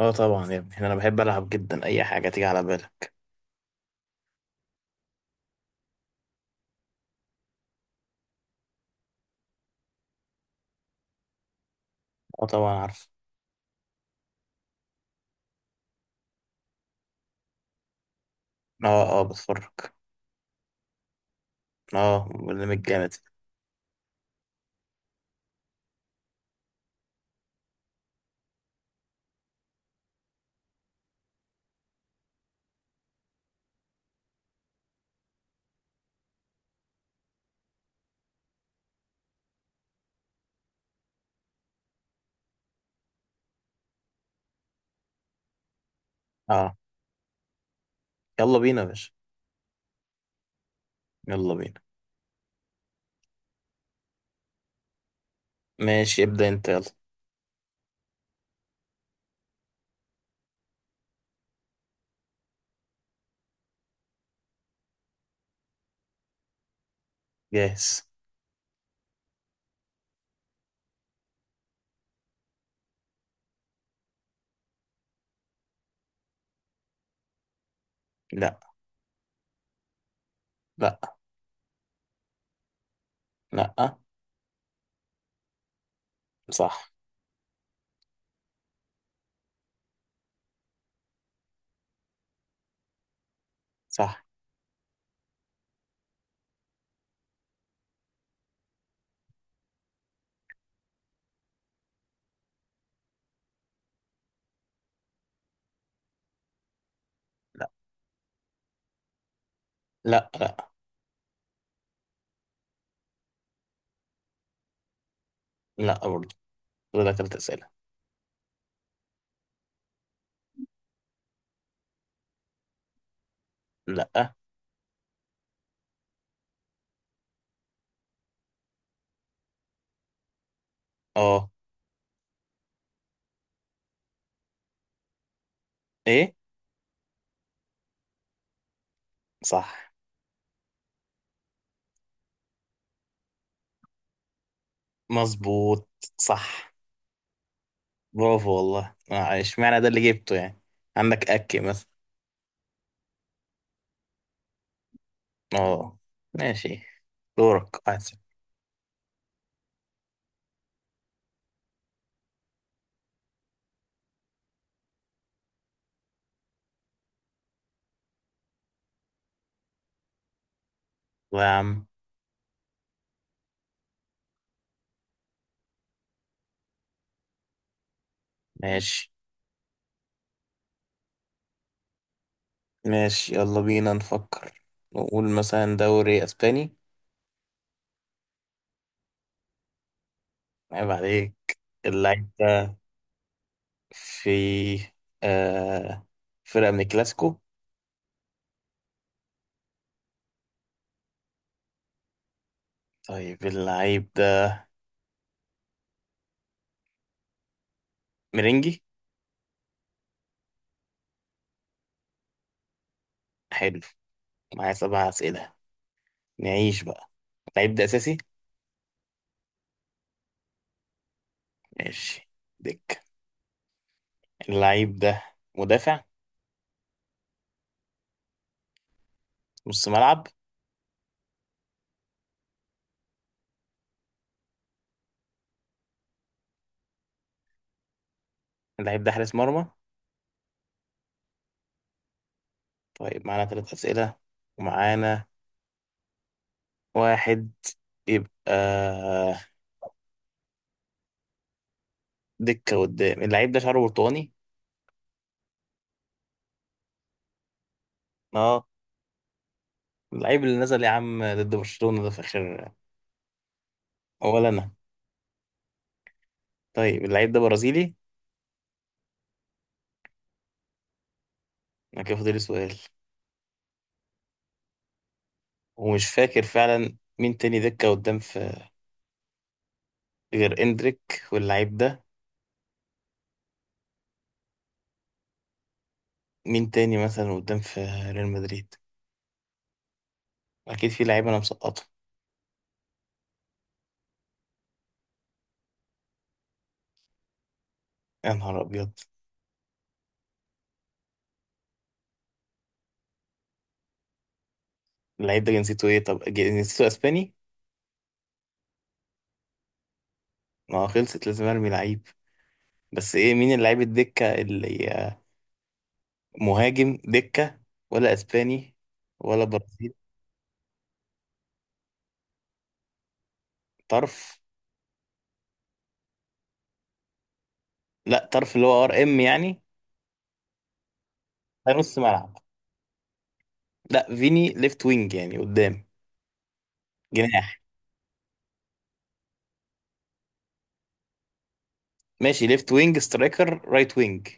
اه، طبعا يا ابني، انا بحب العب جدا، اي حاجه تيجي على بالك. اه، طبعا عارف. اه، اه، بتفرج. اه، برنامج جامد. اه، يلا بينا يا باشا. يلا بينا. ماشي، ابدا انت، يلا. جاهز. لا. لا. لا. صح. صح. لا. لا. لا. لا برضه. كده تلات اسئله. لا. اه. ايه؟ صح. مظبوط. صح. برافو والله، اشمعنى ده اللي جبته يعني. عندك اكي مثلا؟ اه. ماشي، دورك أحسن. الله يا عم. ماشي. ماشي يلا بينا نفكر. نقول مثلا دوري اسباني. عيب عليك. اللعيب ده في آه فرقة من الكلاسيكو. طيب، اللعيب ده مرنجي؟ حلو، معايا سبع أسئلة، نعيش بقى. اللعيب ده أساسي؟ ماشي. دك اللعيب ده مدافع؟ نص ملعب؟ اللعيب ده حارس مرمى؟ طيب معانا ثلاث أسئلة، ومعانا واحد. يبقى دكة قدام. اللعيب ده شعره برتقاني؟ اه. اللعيب اللي نزل يا عم ضد برشلونة ده في اخر؟ ولا انا. طيب، اللعيب ده برازيلي؟ انا كده فاضل لي سؤال، ومش فاكر فعلا مين تاني دكة قدام في غير اندريك واللعيب ده. مين تاني مثلا قدام في ريال مدريد؟ اكيد في لعيب انا مسقطه. يا نهار ابيض. اللعيب ده جنسيته ايه؟ طب جنسيته اسباني؟ ما هو خلصت، لازم ارمي لعيب. بس ايه مين اللعيب الدكة اللي مهاجم دكة، ولا اسباني ولا برازيل؟ طرف. لا، طرف اللي هو RM يعني. ده نص ملعب. لا، فيني ليفت وينج يعني قدام. جناح. ماشي: ليفت وينج، سترايكر، رايت وينج.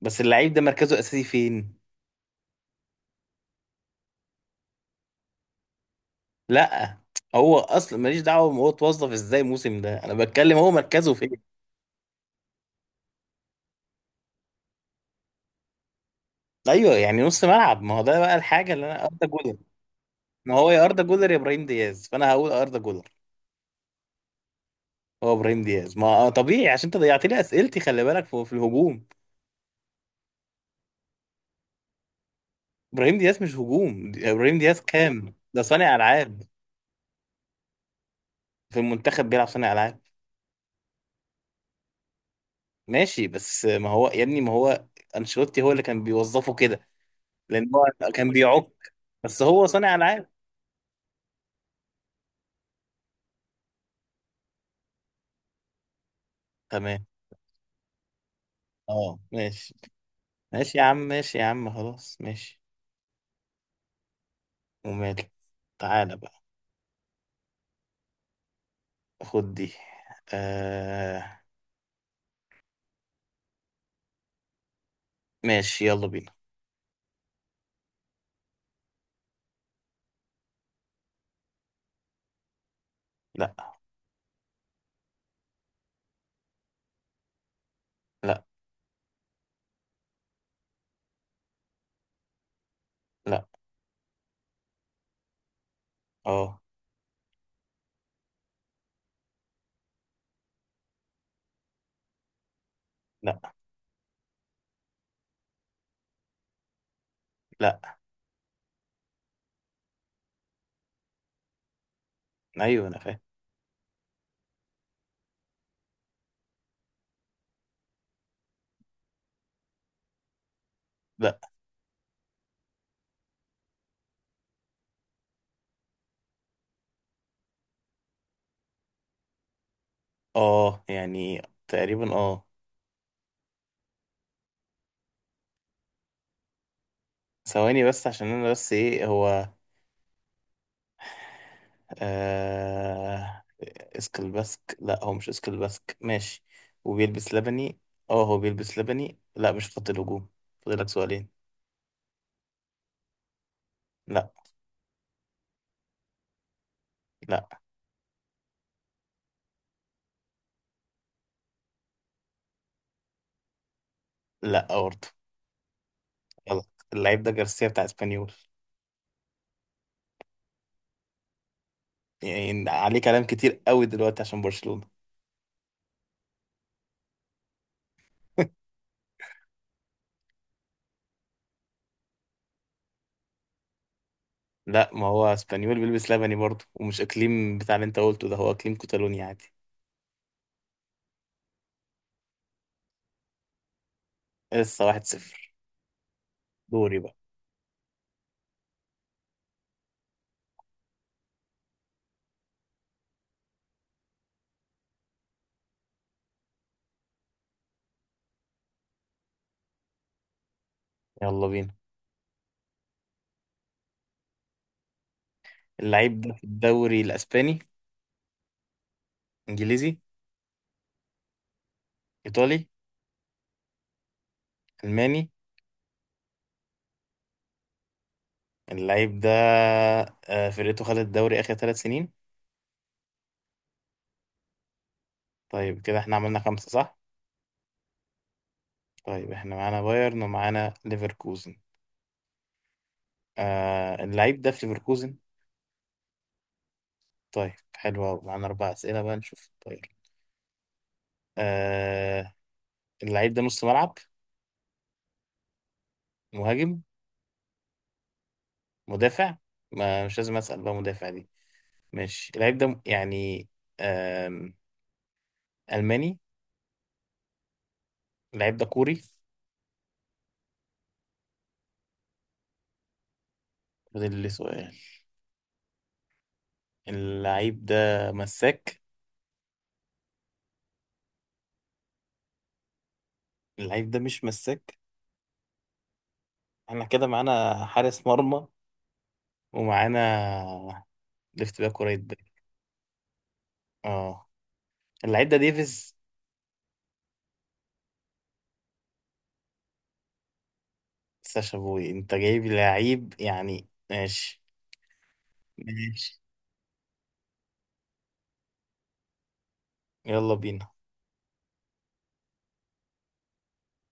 بس اللعيب ده مركزه اساسي فين؟ لا، هو اصلا ماليش دعوه هو اتوظف ازاي الموسم ده، انا بتكلم هو مركزه فين. ايوه يعني نص ملعب، ما هو ده بقى الحاجه اللي انا، اردا جولر. ما هو يا اردا جولر يا ابراهيم دياز، فانا هقول اردا جولر. هو ابراهيم دياز؟ ما طبيعي، عشان انت ضيعت لي اسئلتي. خلي بالك في الهجوم. ابراهيم دياز مش هجوم، ابراهيم دياز كام ده؟ صانع العاب. في المنتخب بيلعب صانع العاب. ماشي، بس ما هو يا ابني، ما هو انشيلوتي هو اللي كان بيوظفه كده. لان هو كان بيعك، بس هو صانع العاب. تمام. اه، ماشي. ماشي يا عم، ماشي يا عم، خلاص ماشي. وماله. تعالى بقى، خد دي. آه ماشي، يلا بينا. لا. لا. لا. اه. لا. لا. ايوه، انا فاهم. لا. اه يعني، تقريبا اه. ثواني بس، عشان انا. بس ايه هو؟ آه... اسكل باسك، لا هو مش اسكل باسك. ماشي. وبيلبس لبني. اه هو بيلبس لبني. لا، مش خط الهجوم. فاضلك سؤالين. لا. لا. لا برضه. غلط. اللعيب ده جارسيا بتاع اسبانيول. يعني عليه كلام كتير قوي دلوقتي عشان برشلونة. لا، ما هو اسبانيول بيلبس لبني برضه، ومش اقليم بتاع اللي انت قلته ده، هو اقليم كتالونيا عادي. لسه 1-0. دوري بقى. يلا بينا. اللعيب ده في الدوري الاسباني؟ انجليزي؟ ايطالي؟ الماني؟ اللعيب ده، فرقته خدت الدوري آخر 3 سنين. طيب كده احنا عملنا خمسة، صح؟ طيب، احنا معانا بايرن ومعانا ليفركوزن. اللعيب ده في ليفركوزن؟ طيب، حلو أوي، معانا أربع أسئلة بقى، نشوف. طيب. آه اللعيب ده نص ملعب؟ مهاجم؟ مدافع؟ ما مش لازم أسأل بقى مدافع دي. ماشي، اللعيب ده يعني آم، ألماني؟ اللعيب ده كوري؟ فاضل لي سؤال. اللعيب ده مساك؟ اللعيب ده مش مساك. احنا كده معانا حارس مرمى، ومعانا ليفت باك ورايت باك. اه، اللعيب ده ديفيز؟ ساشا بوي؟ انت جايب لعيب يعني، ماشي. ماشي. يلا بينا.